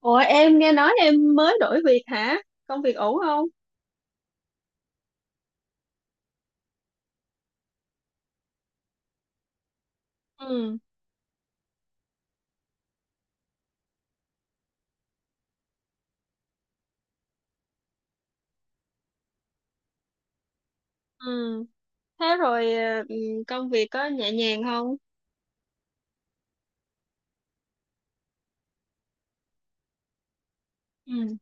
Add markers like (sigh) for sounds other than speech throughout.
Ủa em nghe nói em mới đổi việc hả? Công việc ổn không? Ừ, ừ. Thế rồi công việc có nhẹ nhàng không? Ừ,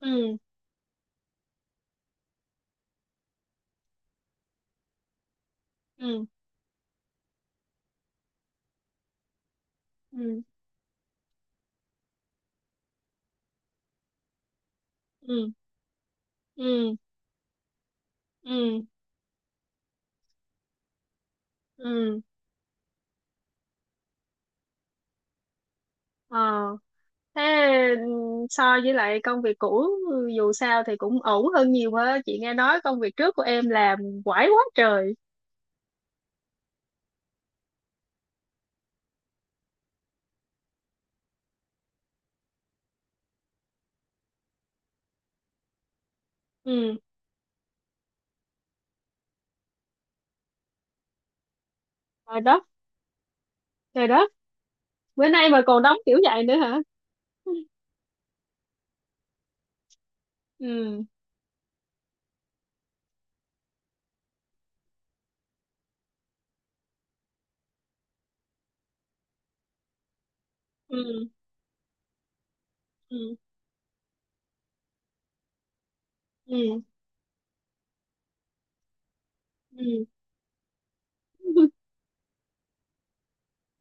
ừ, ừ, ừ, ừ, ừ, ừ, ừ. Ờ, thế ừ, so với lại công việc cũ dù sao thì cũng ổn hơn nhiều á. Chị nghe nói công việc trước của em làm quải quá trời. Ừ, trời đất, trời đất. Bữa nay mà còn đóng kiểu vậy nữa hả? Ừ, ừ, ừ, ừ, ừ.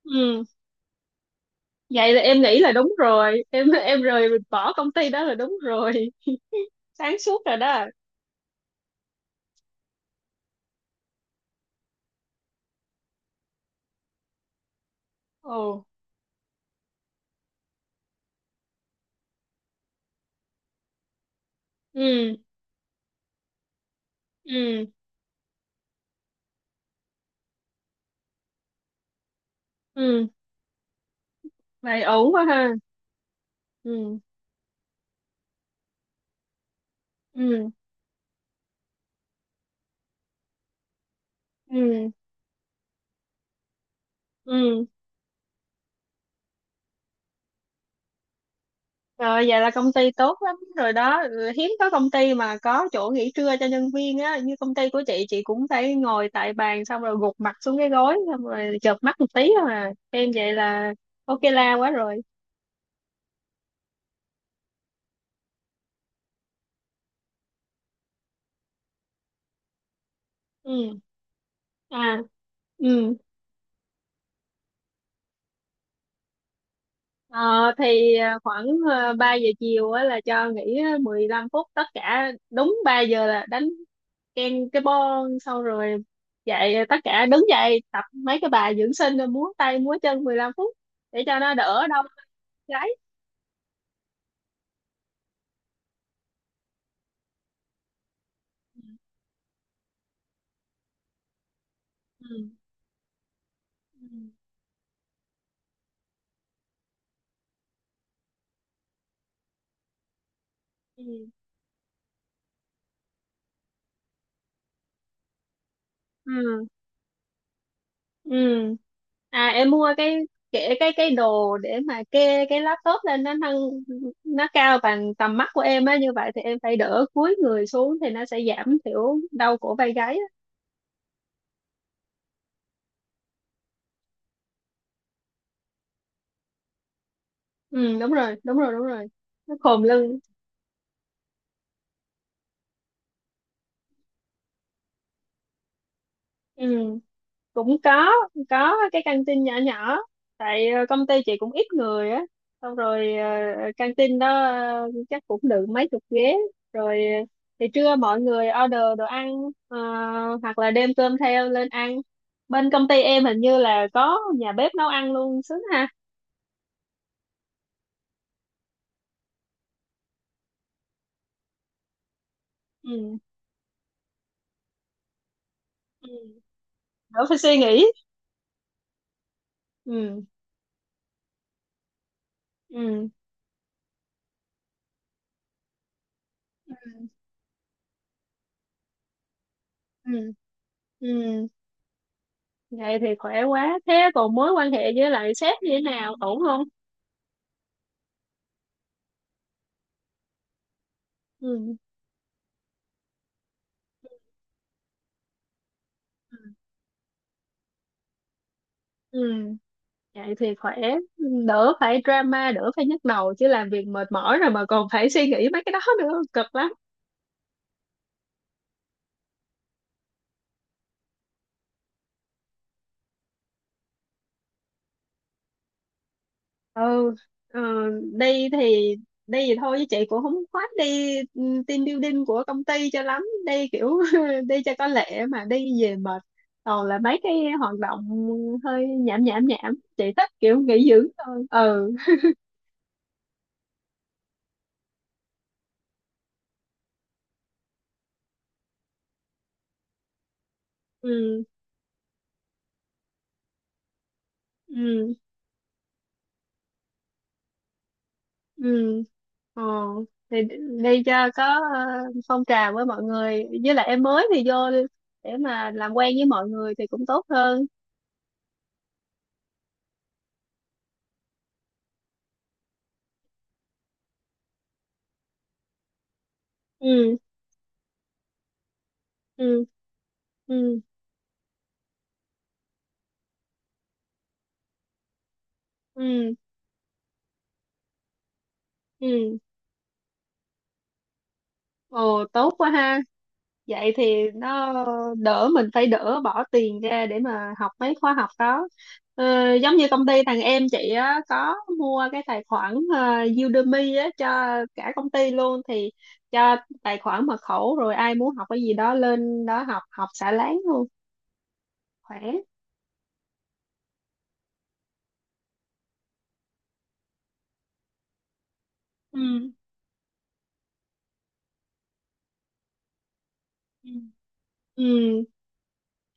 Ừ. (laughs) Vậy là em nghĩ là đúng rồi, em rời mình bỏ công ty đó là đúng rồi, sáng suốt rồi đó. Ồ, ừ, ừ, ừ. Vậy ổn quá ha. Ừ, ừ, ừ, ừ, rồi vậy là công ty tốt lắm rồi đó. Ừ, hiếm có công ty mà có chỗ nghỉ trưa cho nhân viên á, như công ty của chị cũng phải ngồi tại bàn xong rồi gục mặt xuống cái gối xong rồi chợp mắt một tí thôi. À em vậy là ok la quá rồi. Ừ, à, ừ. Ờ, thì ờ, khoảng ờ, 3 giờ chiều á, là cho nghỉ 15 phút, tất cả đúng 3 giờ là đánh ken cái bon xong rồi dậy, tất cả đứng dậy tập mấy cái bài dưỡng sinh rồi múa tay múa chân 15 phút để cho nó đỡ đau gáy. Ừ. Ừ. Ừ. Ừ, ừ, à em mua cái kệ, cái đồ để mà kê cái laptop lên, nó nâng nó cao bằng tầm mắt của em á, như vậy thì em phải đỡ cúi người xuống thì nó sẽ giảm thiểu đau cổ vai gáy. Ừ, đúng rồi, đúng rồi, đúng rồi. Nó khom lưng. Ừ, cũng có cái căng tin nhỏ nhỏ, tại công ty chị cũng ít người á, xong rồi căng tin đó chắc cũng được mấy chục ghế, rồi thì trưa mọi người order đồ ăn, ờ, hoặc là đem cơm theo lên ăn. Bên công ty em hình như là có nhà bếp nấu ăn luôn, sướng ha. Ừ, ừ, đỡ phải suy nghĩ. Ừ, ừ, ừ, ừ, vậy thì khỏe quá. Thế còn mối quan hệ với lại sếp như thế nào, ổn không? Ừ, ừ, vậy thì khỏe, đỡ phải drama, đỡ phải nhức đầu, chứ làm việc mệt mỏi rồi mà còn phải suy nghĩ mấy cái đó nữa cực lắm. Ừ. ờ, Đi thì đi thì thôi chứ chị cũng không khoát đi. Ừ, team building của công ty cho lắm đi kiểu (laughs) đi cho có lệ mà đi về mệt, toàn là mấy cái hoạt động hơi nhảm nhảm nhảm, chị thích kiểu nghỉ dưỡng thôi. Ừ, ừ, ừ, ừ. ờ thì đi cho có ờ, phong trào với mọi người, với lại em mới thì vô để mà làm quen với mọi người thì cũng tốt hơn. Ừ, ừ, ừ, ừ, ừ. Ồ, tốt quá ha. Vậy thì nó đỡ mình phải đỡ bỏ tiền ra để mà học mấy khóa học đó. Giống như công ty thằng em chị á, có mua cái tài khoản Udemy á, cho cả công ty luôn, thì cho tài khoản mật khẩu, rồi ai muốn học cái gì đó lên đó học học xả láng luôn, khỏe. Ừ, ừ, ừ,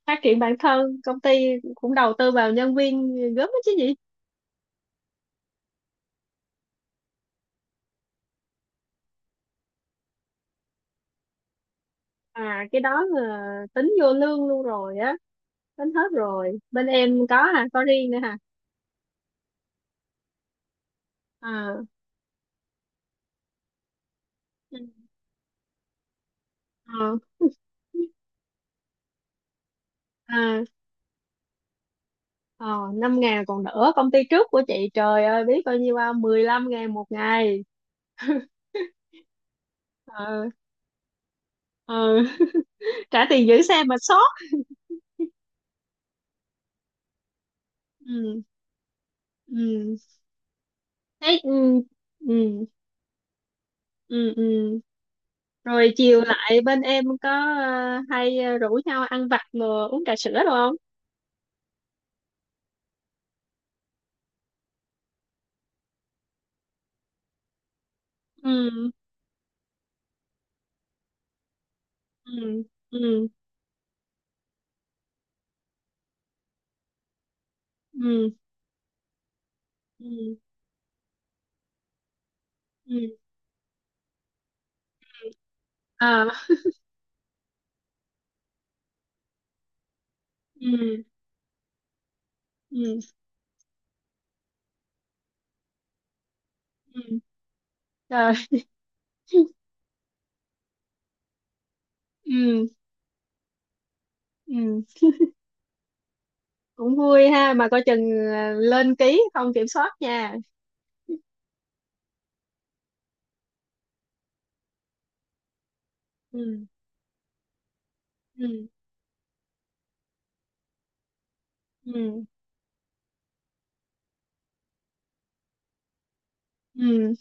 phát triển bản thân, công ty cũng đầu tư vào nhân viên gớm đó chứ gì. À, cái đó là tính vô lương luôn rồi á, tính hết rồi. Bên em có, à có riêng nữa hả? À, à, (laughs) à, à, 5 ngàn còn đỡ, công ty trước của chị trời ơi biết bao nhiêu không, 15 ngàn một ngày. (laughs) Ờ, ờ, (laughs) trả tiền giữ xe mà sót. Ừ, ừ, thế, ừ, ừ, ừ, ừ. Rồi chiều lại bên em có hay rủ nhau ăn vặt rồi uống trà sữa đúng không? Ừ, ừ, ừ, ừ, ừ, ừ, à, ừ, ừ, ừ, trời, ừ, ừ, cũng vui ha, mà coi chừng à, lên ký không kiểm soát nha. Ừ, ừ, ừ, ừ,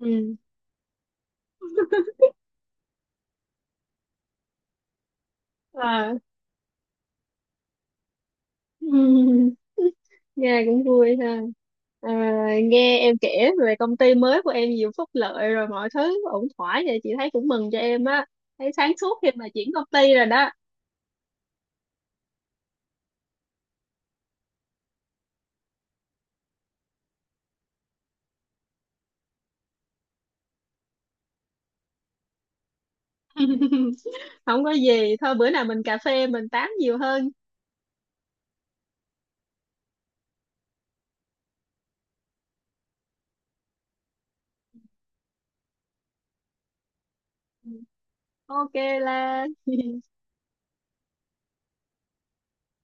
ừ, à, ừ. Nghe cũng vui ha. À, nghe em kể về công ty mới của em nhiều phúc lợi rồi mọi thứ ổn thỏa vậy, chị thấy cũng mừng cho em á, thấy sáng suốt khi mà chuyển công ty rồi đó. (laughs) Không có gì, thôi bữa nào mình cà phê mình tám nhiều hơn. Ừ, ok là (laughs)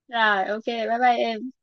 rồi, ok, bye bye em.